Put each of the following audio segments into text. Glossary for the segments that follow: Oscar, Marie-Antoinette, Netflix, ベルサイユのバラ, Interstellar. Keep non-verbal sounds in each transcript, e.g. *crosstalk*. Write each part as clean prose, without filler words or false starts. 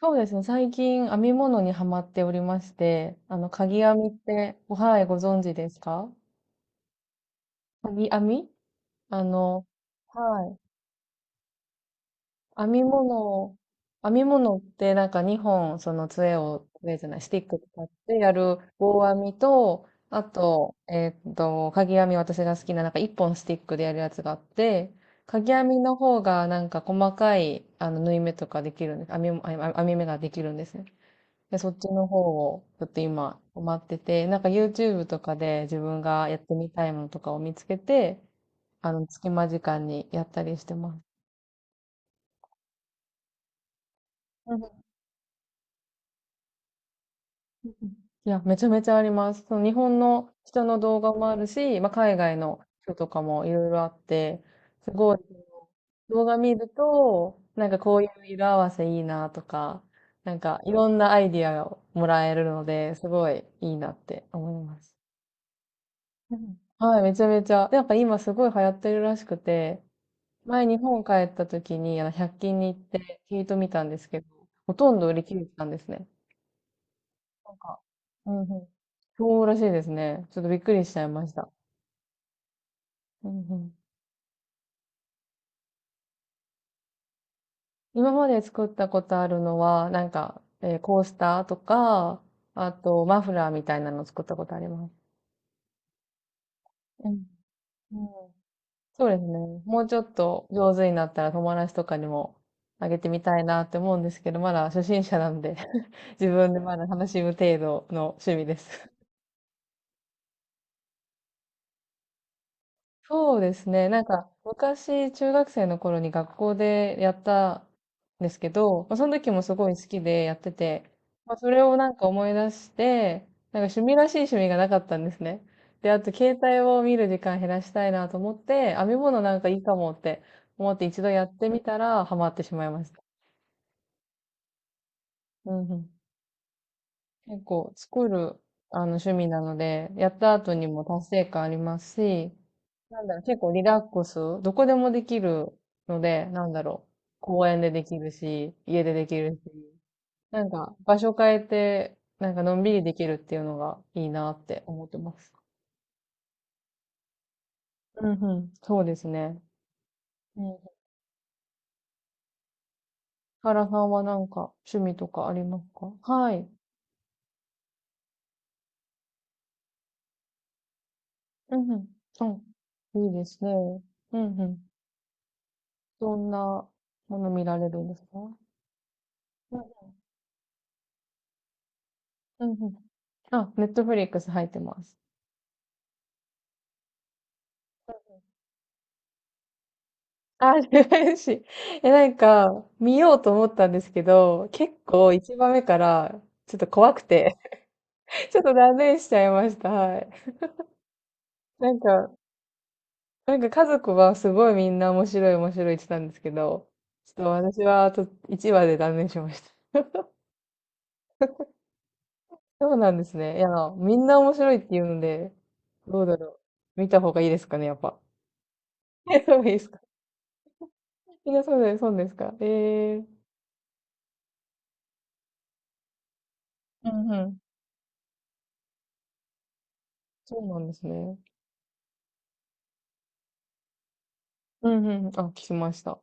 そうですね、最近編み物にはまっておりまして、かぎ編みって、はい、ご存知ですか？かぎ編み。あの、はい。編み物を、編み物ってなんか2本、その杖を、杖じゃない、スティック使ってやる棒編みと、あと、かぎ編み私が好きな、なんか1本スティックでやるやつがあって、かぎ編みの方がなんか細かい、縫い目とかできるんです。編み目ができるんですね。で、そっちの方をちょっと今待ってて、なんか YouTube とかで自分がやってみたいものとかを見つけて、隙間時間にやったりしてます。うんうんうん。いや、めちゃめちゃあります。その日本の人の動画もあるし、まあ、海外の人とかもいろいろあって、すごい動画見ると、なんかこういう色合わせいいなとか、なんかいろんなアイディアをもらえるので、すごいいいなって思います。うんはい、めちゃめちゃ。でやっぱ今すごい流行ってるらしくて、前日本帰った時に100均に行って聞いてみたんですけど、ほとんど売り切れてたんですね。なんか、うんうん。そうらしいですね。ちょっとびっくりしちゃいました。うんうん、今まで作ったことあるのは、なんか、コースターとか、あとマフラーみたいなのを作ったことあります。うん。うん。そうですね。もうちょっと上手になったら友達とかにもあげてみたいなって思うんですけど、まだ初心者なんで *laughs* 自分でまだ楽しむ程度の趣味です。そうですね。なんか、昔、中学生の頃に学校でやったんですけど、まあ、その時もすごい好きでやってて、まあ、それをなんか思い出して、なんか趣味らしい趣味がなかったんですね。で、あと携帯を見る時間減らしたいなと思って、編み物なんかいいかもって思って一度やってみたらハマってしまいました。うんうん。結構作る、趣味なので、やった後にも達成感ありますし、なんだろう、結構リラックス、どこでもできるので、なんだろう、公園でできるし、家でできるし、なんか場所変えて、なんかのんびりできるっていうのがいいなって思ってます。うんうん、そうですね。うん。原さんはなんか趣味とかありますか？はい。うんうん。うん。いいですね。うんうん。どんなもの見られるんですか？うんうんうん。あ、ネットフリックス入ってます。あ、嬉しい。え、なんか、見ようと思ったんですけど、結構一番目から、ちょっと怖くて *laughs* ちょっと断念しちゃいました。はい。なんか、なんか家族はすごいみんな面白い面白いって言ってたんですけど、ちょっと私はあと1話で断念しました。そうなんですね。いや、みんな面白いって言うので、どうだろう。見た方がいいですかね、やっぱ。*laughs* え、そうですか。みんなそうです、そうですか。ええー。うんうん。そうなんですね。うんうんうん、あ、聞きました。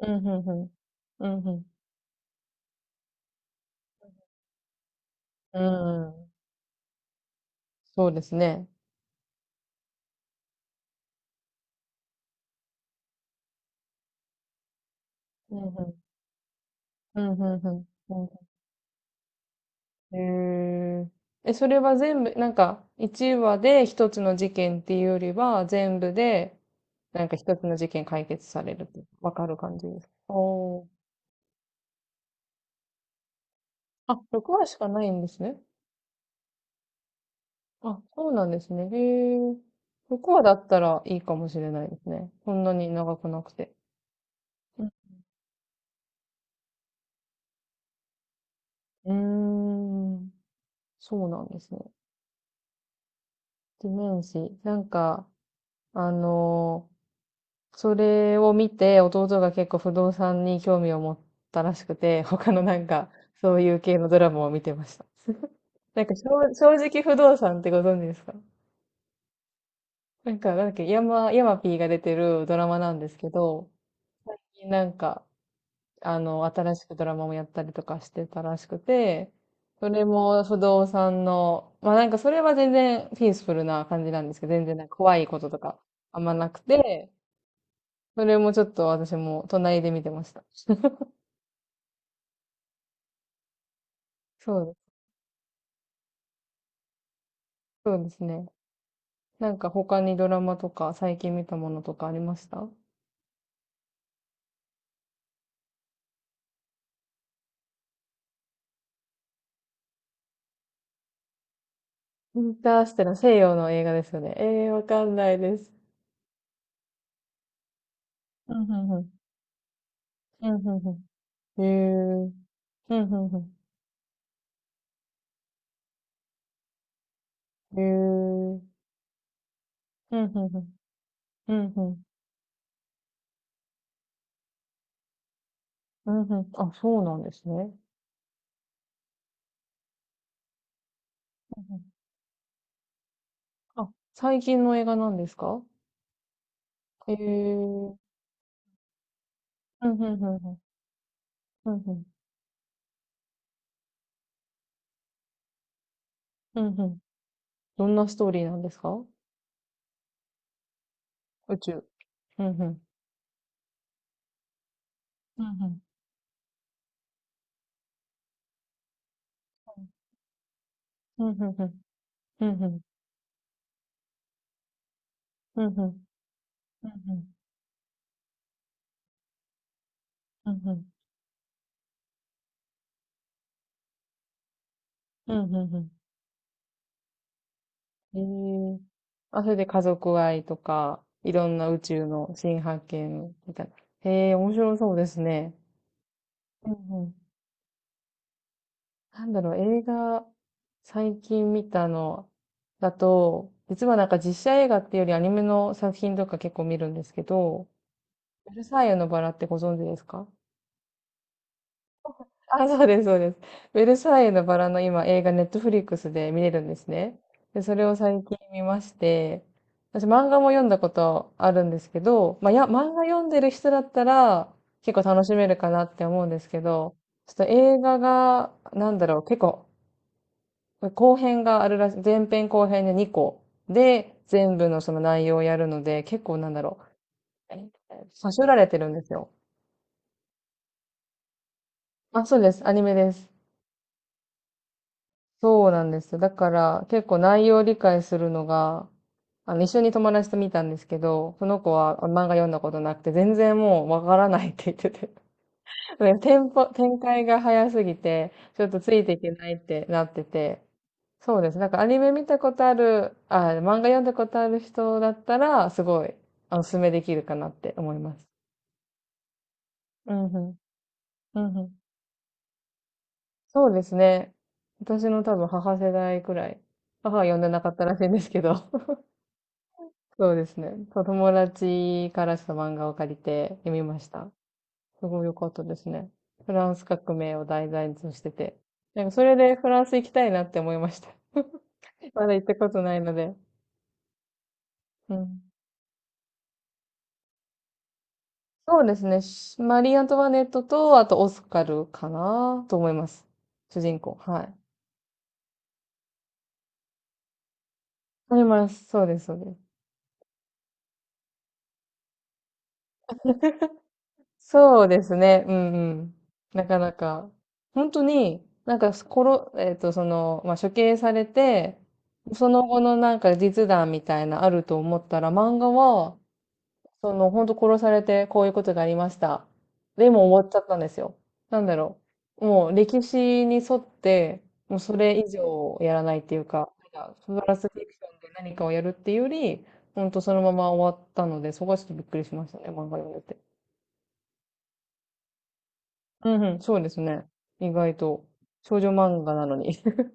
うん、うんうん。うん、ん。うんうん。そうですね。うん、うん。うん、うんうん、へえ。え、それは全部、なんか、1話で1つの事件っていうよりは、全部で、なんか1つの事件解決されると、わかる感じですか？おー。あ、6話しかないんですね。あ、そうなんですね。へえ。6話だったらいいかもしれないですね。そんなに長くなくて。うん。うーん。そうなんですね。地面師。なんか、あのーそれを見て、弟が結構不動産に興味を持ったらしくて、*laughs* 他のなんか、そういう系のドラマを見てました。なんか、正直不動産ってご存知ですか？なんか、なんだっけ、ヤマピーが出てるドラマなんですけど、最近なんか、新しくドラマもやったりとかしてたらしくて、それも不動産の、まあなんかそれは全然ピースフルな感じなんですけど、全然なんか怖いこととかあんまなくて、それもちょっと私も隣で見てました。*laughs* そうです。そうですね。なんか他にドラマとか最近見たものとかありました？インターステラー西洋の映画ですよね。ええー、わかんないです。うんうんうん。うんうんうん。ええー。うんうんうん。ええー。うんうんうん。うんうん。うんうん。あ、そうなんですね。うんうん、あ、最近の映画なんですか？ええー。うんうんうんうん。うんうん。うんうん。どんなストーリーなんですか？宇宙。うんうん。うんうんうんうんうんうんうんうんうんうんうんうんうんうん。ええ。あ、それで家族愛とか、いろんな宇宙の新発見みたいな。へえ、面白そうですね。うんうん。なんだろう、映画、最近見たのだと、実はなんか実写映画っていうよりアニメの作品とか結構見るんですけど、ベルサイユのバラってご存知ですか？あ、そうです、そうです。ベルサイユのバラの今映画ネットフリックスで見れるんですね。で、それを最近見まして、私漫画も読んだことあるんですけど、まあ、漫画読んでる人だったら結構楽しめるかなって思うんですけど、ちょっと映画が、なんだろう、結構、後編があるらしい、前編後編で2個で全部のその内容をやるので、結構なんだろう、えーさしょられてるんですよ。あ、そうです。アニメです。そうなんですよ。だから結構内容を理解するのが、一緒に友達と見たんですけど、その子は漫画読んだことなくて、全然もうわからないって言ってて。*laughs* でテンポ、展開が早すぎて、ちょっとついていけないってなってて。そうです。なんかアニメ見たことある、漫画読んだことある人だったら、すごい、おすすめできるかなって思います。うんうん。うんうん。そうですね。私の多分母世代くらい。母は読んでなかったらしいんですけど。そうですね。そう、友達からちょっと漫画を借りて読みました。すごい良かったですね。フランス革命を題材としてて。なんかそれでフランス行きたいなって思いました。*laughs* まだ行ったことないので。うん。そうですね。マリー・アントワネットと、あとオスカルかなと思います。主人公。はい。あります。そうです、そうです。そうですね。うんうん。なかなか。本当に、なんか、ころ、えっと、その、まあ、処刑されて、その後のなんか実弾みたいなあると思ったら、漫画は、その、本当殺されてこういうことがありました。でも終わっちゃったんですよ。なんだろう。もう歴史に沿って、もうそれ以上やらないっていうか、なんかフランスフィクションで何かをやるっていうより、本当そのまま終わったので、そこはちょっとびっくりしましたね、漫画読んでて。うんうん、そうですね。意外と。少女漫画なのに。*laughs*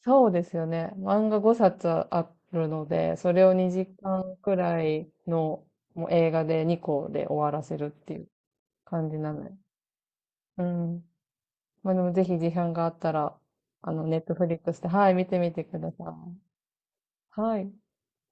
そうですよね。漫画5冊あるので、それを2時間くらいのもう映画で2個で終わらせるっていう感じなので。うん。まあでもぜひ時間があったら、ネットフリックスで、はい、見てみてください。はい。